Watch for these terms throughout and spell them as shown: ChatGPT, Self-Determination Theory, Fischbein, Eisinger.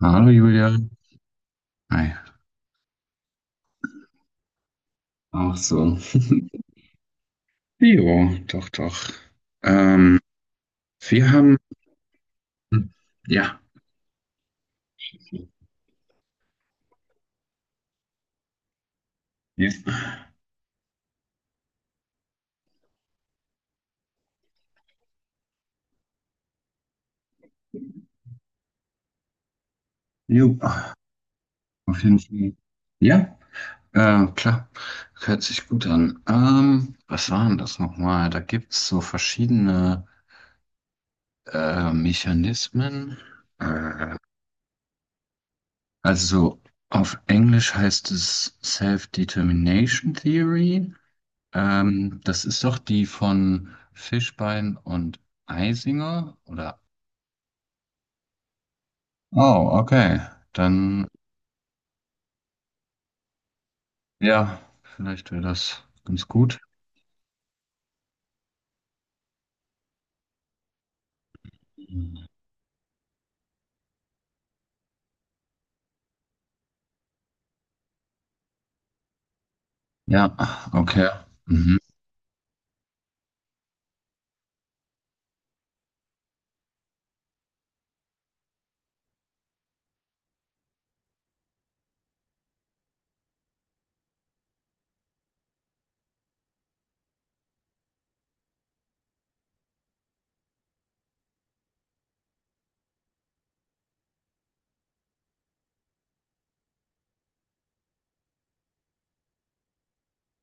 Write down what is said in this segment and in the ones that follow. Hallo Julian. Hi. Auch so. Jo, doch, doch. Ähm, wir haben, ja, ja, jo, auf jeden Fall. Ja, klar, hört sich gut an. Was waren das nochmal? Da gibt es so verschiedene Mechanismen. Äh, also auf Englisch heißt es Self-Determination Theory. Das ist doch die von Fischbein und Eisinger, oder? Oh, okay. Dann, ja, vielleicht wäre das ganz gut. Ja, okay. Mhm.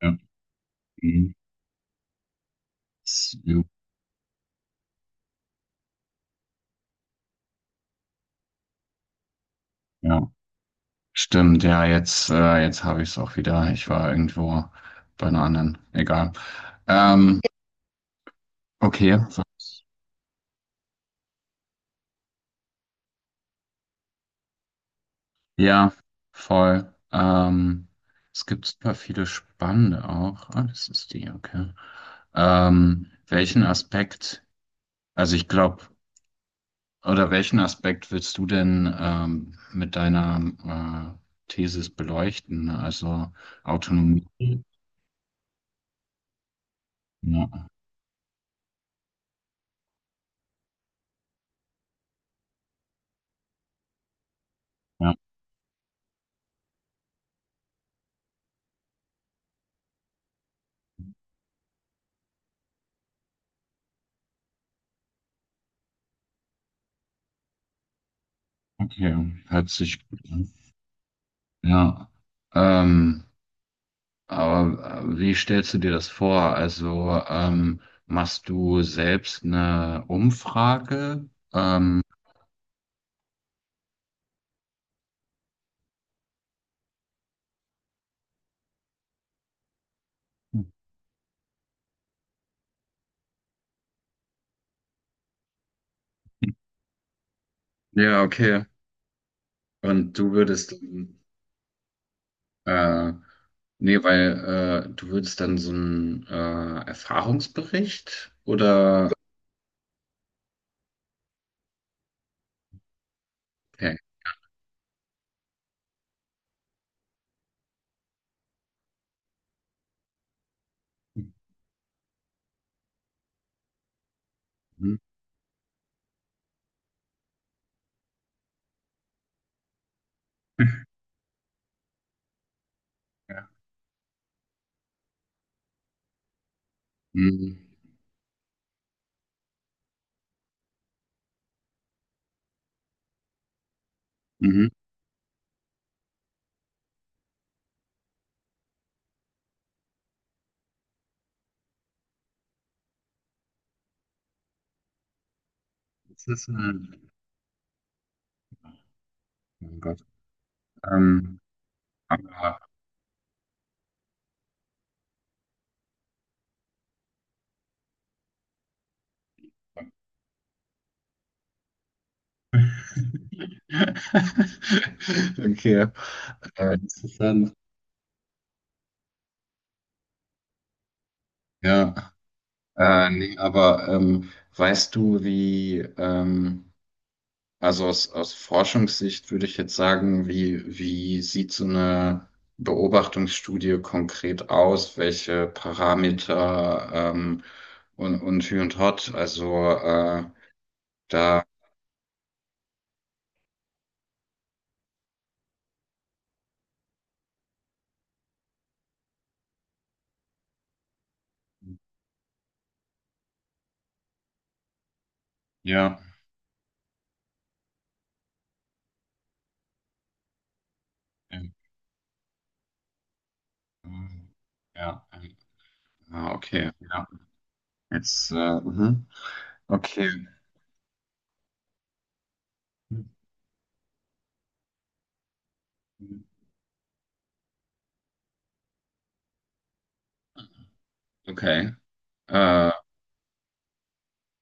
Ja. Mhm. Jo. Ja. Stimmt, ja, jetzt, jetzt habe ich es auch wieder. Ich war irgendwo bei einer anderen. Egal. Ähm, okay. Ja, voll. Es gibt super viele spannende auch. Ah, das ist die, okay. Welchen Aspekt, also ich glaube, oder welchen Aspekt willst du denn mit deiner Thesis beleuchten? Also Autonomie? Ja, ja, okay, hört sich gut an. Ja, ähm, aber wie stellst du dir das vor? Also machst du selbst eine Umfrage? Ja, okay. Und du würdest, dann, nee, weil du würdest dann so einen Erfahrungsbericht oder? Okay. Mhm. Ja. Mhm. Mhm. Das ist, oh mein Gott. Ähm, aber, okay. Das ist dann ja, nee, aber weißt du, wie, also aus, aus Forschungssicht würde ich jetzt sagen, wie, wie sieht so eine Beobachtungsstudie konkret aus? Welche Parameter ähm, und Hü und Hott? Also da, ja, ähm, ja, ah, okay, ja, jetzt, mhm. Okay, okay, äh,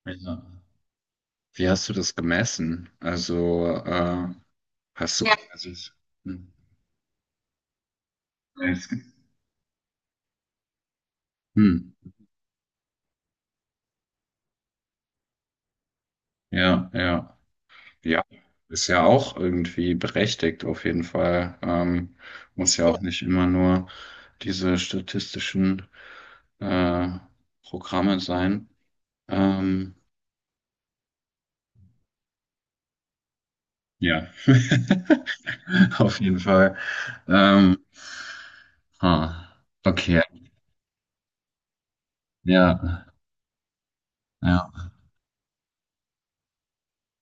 ja. Wie hast du das gemessen? Also, hast du Ja, quasi. Hm. Es gibt- Hm. Ja, ja. Ja, ist ja auch irgendwie berechtigt, auf jeden Fall. Muss ja ja, auch nicht immer nur diese statistischen äh, Programme sein. Ähm, ja, auf jeden Fall. Ähm, ah, okay, ja, ja.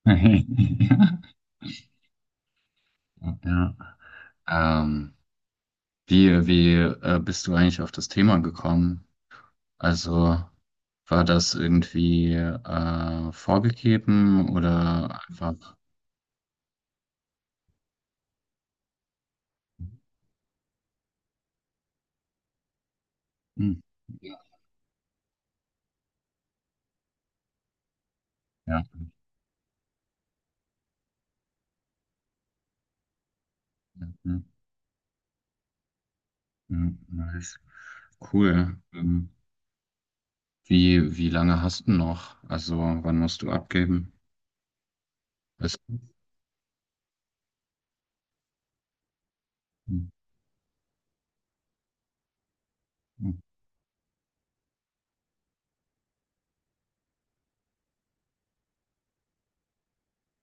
Ja, ja. Ähm, wie, wie bist du eigentlich auf das Thema gekommen? Also war das irgendwie vorgegeben oder einfach? Hm. Ja. Ja. Mhm. Mhm. Nice. Cool. Wie, wie lange hast du noch? Also wann musst du abgeben? Weißt du? Mhm. Mhm.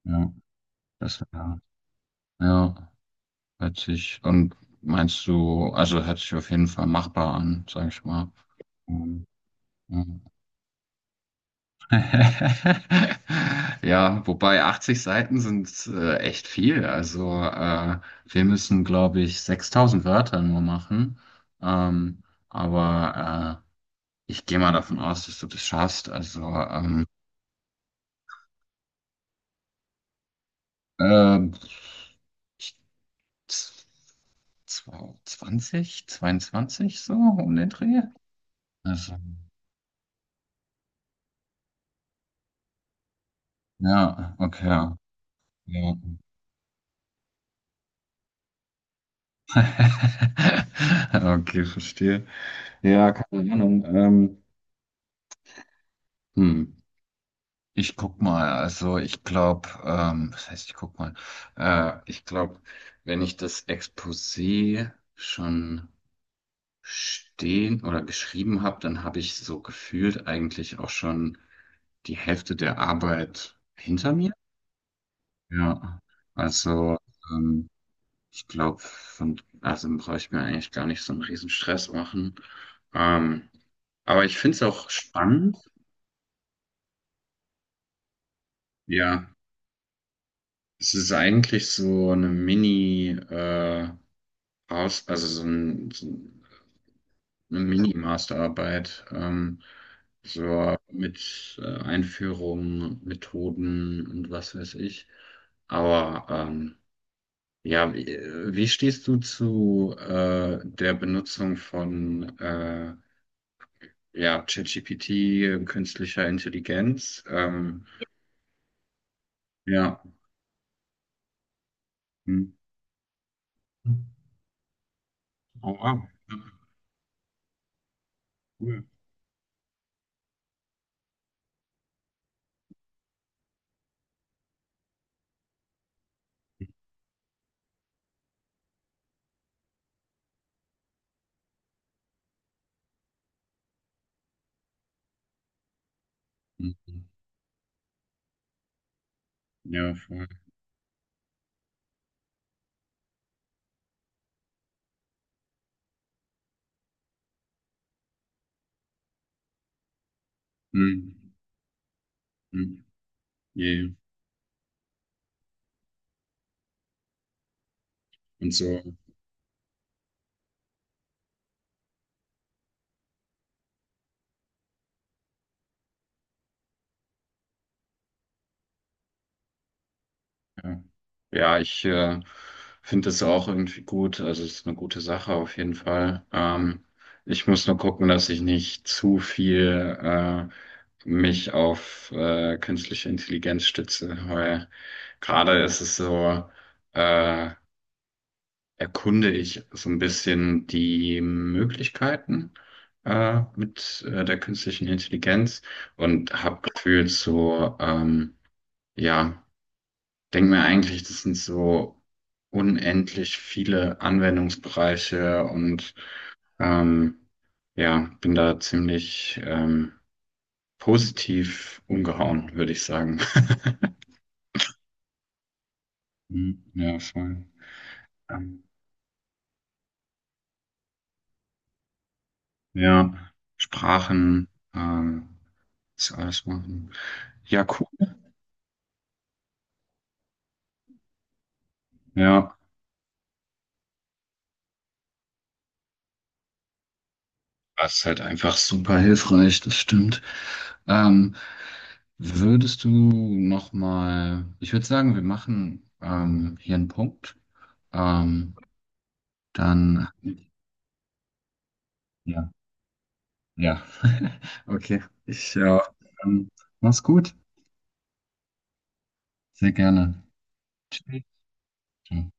Ja, das war, ja, hört sich, und meinst du, also hört sich auf jeden Fall machbar an, sag ich mal. Mhm. Ja, wobei 80 Seiten sind echt viel. Also wir müssen, glaube ich, 6000 Wörter nur machen. Ähm, aber ich gehe mal davon aus, dass du das schaffst. Also ähm, ich, z- 20, 22 so um den Dreh. Also, ja, okay. Ja. Okay, verstehe. Ja, keine Ahnung. Hm. Ich guck mal, also ich glaube, was heißt ich guck mal? Ich glaube, wenn ich das Exposé schon stehen oder geschrieben habe, dann habe ich so gefühlt eigentlich auch schon die Hälfte der Arbeit hinter mir. Ja, also ähm, ich glaube, von, also brauche ich mir eigentlich gar nicht so einen riesen Stress machen. Ähm, aber ich finde es auch spannend. Ja, es ist eigentlich so eine Mini, Aus, also so, ein, so eine Mini-Masterarbeit, so mit Einführung, Methoden und was weiß ich. Aber ja, wie, wie stehst du zu der Benutzung von ja, ChatGPT, künstlicher Intelligenz? Ja. Hm. Oh, wow. Ja, cool. Mhm. Ja, voll. Mhm. Mhm. Yeah. Und so. Ja, ja, ich finde das auch irgendwie gut. Also es ist eine gute Sache auf jeden Fall. Ich muss nur gucken, dass ich nicht zu viel mich auf künstliche Intelligenz stütze, weil gerade ist es so, äh, erkunde ich so ein bisschen die Möglichkeiten mit der künstlichen Intelligenz und habe gefühlt so, ja denke mir eigentlich, das sind so unendlich viele Anwendungsbereiche und ähm, ja, bin da ziemlich positiv umgehauen, würde ich sagen. Mhm, ja, voll. Ähm, ja, Sprachen, ähm, das alles machen. Ja, cool. Ja, das ist halt einfach super hilfreich, das stimmt. Ähm, würdest du noch mal, ich würde sagen, wir machen hier einen Punkt. Ähm, Dann, ja, ja. Okay, ich, ja, dann mach's gut. Sehr gerne. Tschüss. Ciao.